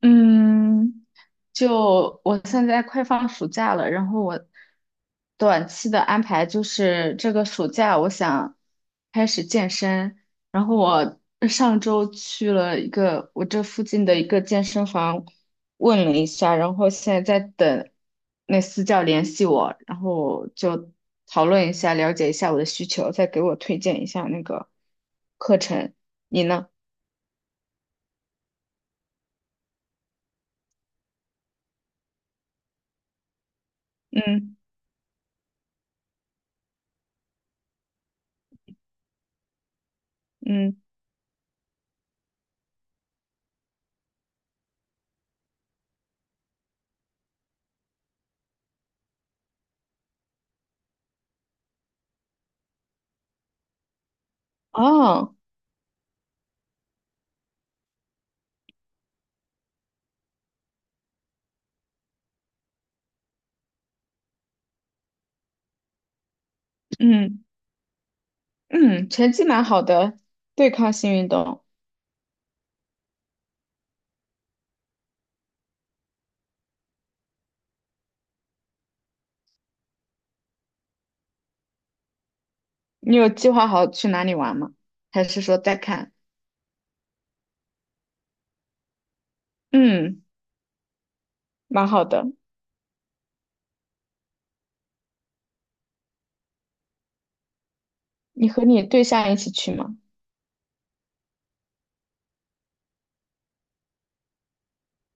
嗯，就我现在快放暑假了，然后我短期的安排就是这个暑假我想开始健身，然后我上周去了一个我这附近的一个健身房问了一下，然后现在在等那私教联系我，然后就讨论一下，了解一下我的需求，再给我推荐一下那个课程。你呢？嗯嗯。哦。嗯。嗯，成绩蛮好的，对抗性运动。你有计划好去哪里玩吗？还是说再看？嗯，蛮好的。你和你对象一起去吗？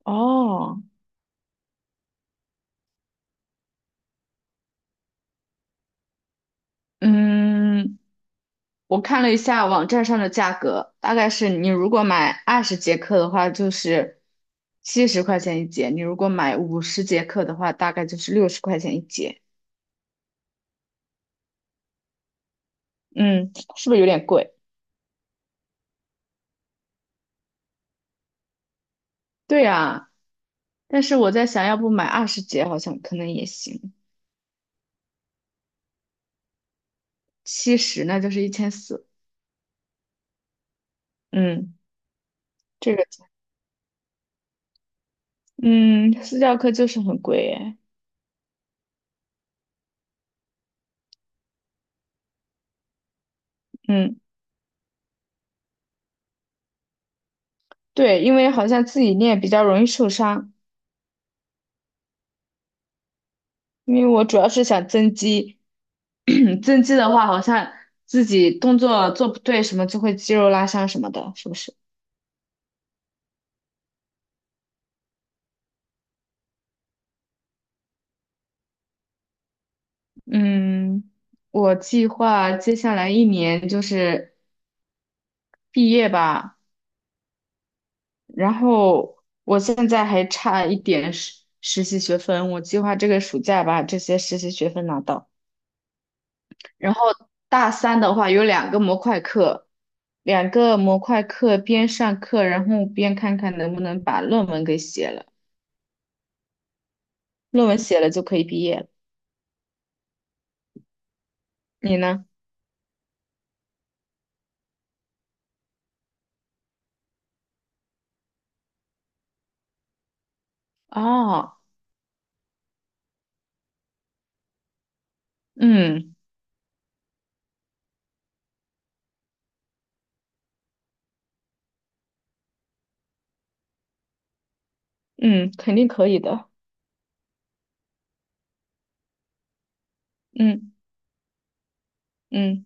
哦。嗯，我看了一下网站上的价格，大概是你如果买二十节课的话，就是70块钱一节；你如果买50节课的话，大概就是60块钱一节。嗯，是不是有点贵？对啊，但是我在想，要不买二十节好像可能也行。七十，那就是1400。嗯，这个，嗯，私教课就是很贵哎。嗯，对，因为好像自己练比较容易受伤，因为我主要是想增肌，增肌的话好像自己动作做不对什么就会肌肉拉伤什么的，是不是？嗯，我计划接下来一年就是毕业吧，然后我现在还差一点实习学分，我计划这个暑假把这些实习学分拿到。然后大三的话有两个模块课，两个模块课边上课，然后边看看能不能把论文给写了，论文写了就可以毕业了。你呢？哦。嗯嗯，肯定可以的。嗯嗯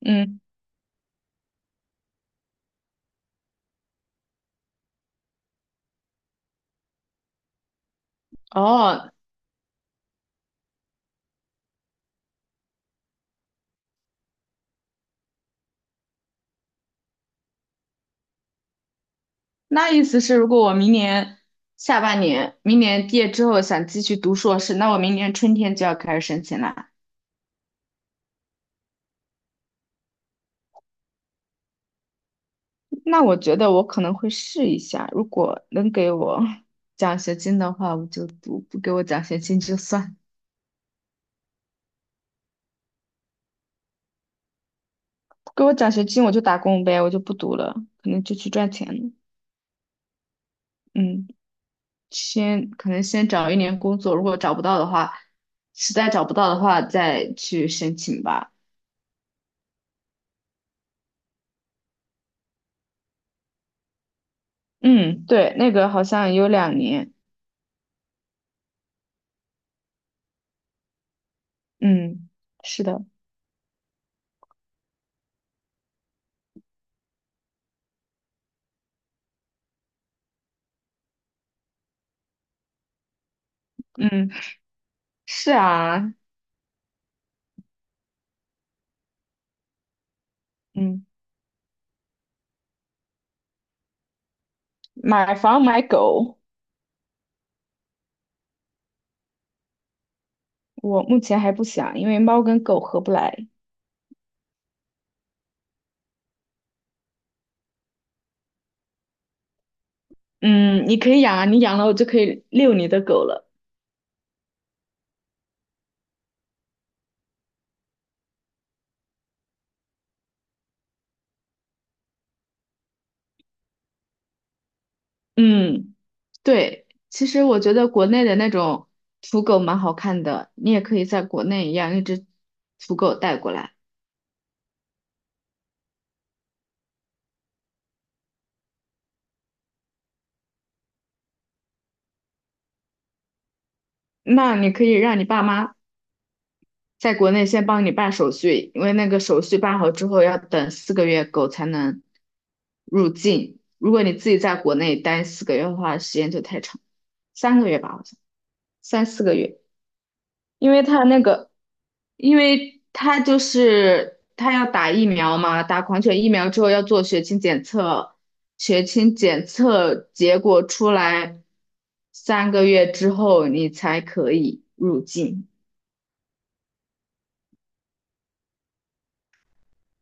嗯。哦，那意思是如果我明年下半年，明年毕业之后想继续读硕士，那我明年春天就要开始申请了。那我觉得我可能会试一下，如果能给我 奖学金的话，我就读；不给我奖学金就算，不给我奖学金我就打工呗，我就不读了，可能就去赚钱了。嗯，先可能先找一年工作，如果找不到的话，实在找不到的话再去申请吧。嗯，对，那个好像有2年。嗯，是的。嗯，是啊。嗯，买房买狗。我目前还不想，因为猫跟狗合不来。嗯，你可以养啊，你养了我就可以遛你的狗了。嗯，对，其实我觉得国内的那种土狗蛮好看的，你也可以在国内养一只土狗带过来。那你可以让你爸妈在国内先帮你办手续，因为那个手续办好之后要等四个月狗才能入境。如果你自己在国内待四个月的话，时间就太长，三个月吧，好像三四个月。因为他那个，因为他就是他要打疫苗嘛，打狂犬疫苗之后要做血清检测，血清检测结果出来三个月之后你才可以入境，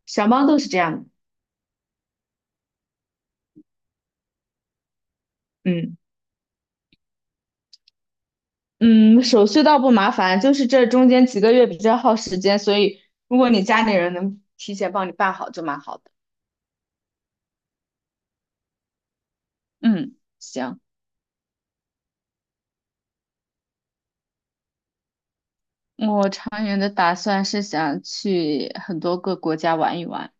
小猫都是这样的。嗯嗯，手续倒不麻烦，就是这中间几个月比较耗时间，所以如果你家里人能提前帮你办好就蛮好的。嗯，行。我长远的打算是想去很多个国家玩一玩，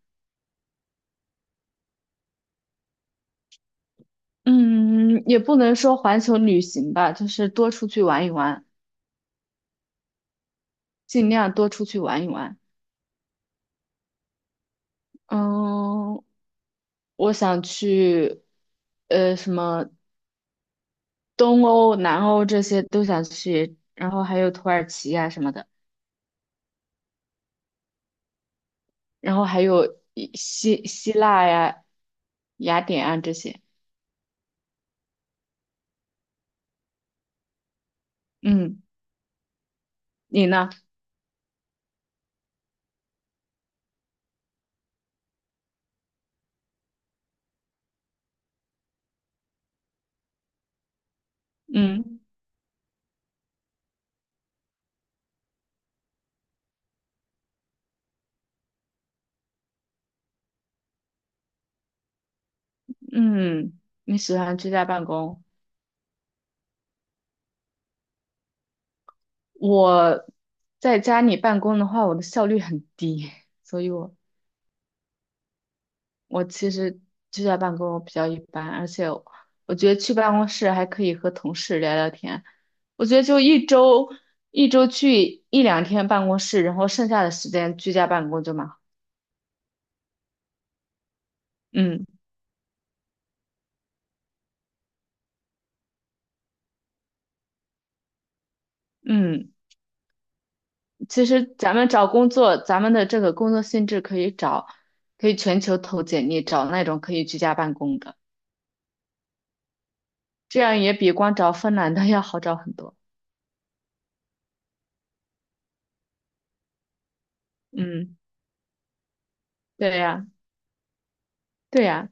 嗯，也不能说环球旅行吧，就是多出去玩一玩，尽量多出去玩一玩。嗯，我想去，什么东欧、南欧这些都想去，然后还有土耳其呀、什么的，然后还有希腊呀、雅典啊这些。嗯，你呢？嗯嗯，你喜欢居家办公？我在家里办公的话，我的效率很低，所以我其实居家办公比较一般，而且我觉得去办公室还可以和同事聊聊天。我觉得就一周去一两天办公室，然后剩下的时间居家办公就蛮好。嗯嗯，其实咱们找工作，咱们的这个工作性质可以找，可以全球投简历，找那种可以居家办公的，这样也比光找芬兰的 要好找很多。嗯，对呀。对呀，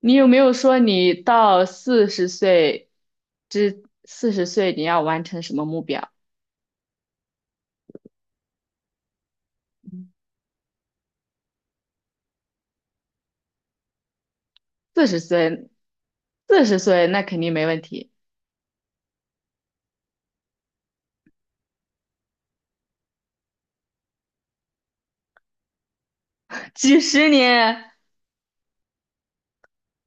你有没有说你到四十岁你要完成什么目标？四十岁，四十岁那肯定没问题。几十年，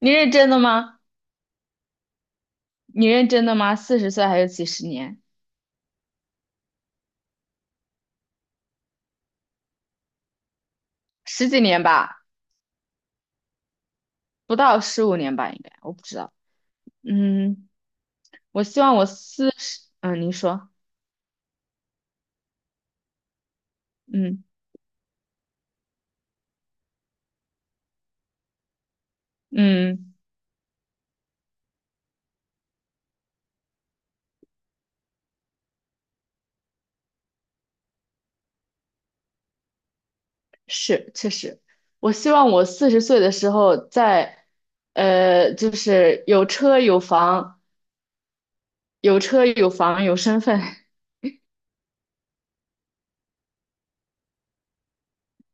你认真的吗？你认真的吗？四十岁还有几十年？十几年吧，不到15年吧，应该，我不知道。嗯，我希望我四十，嗯，您说。嗯嗯。是，确实，我希望我四十岁的时候在，就是有车有房，有车有房有身份，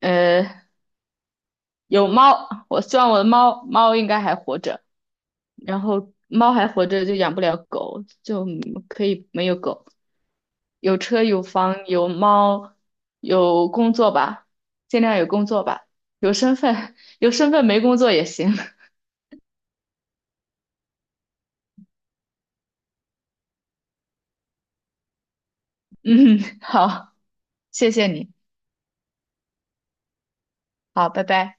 呃，有猫。我希望我的猫猫应该还活着，然后猫还活着就养不了狗，就可以没有狗。有车有房有猫，有工作吧，尽量有工作吧，有身份，有身份没工作也行。嗯，好，谢谢你，好，拜拜。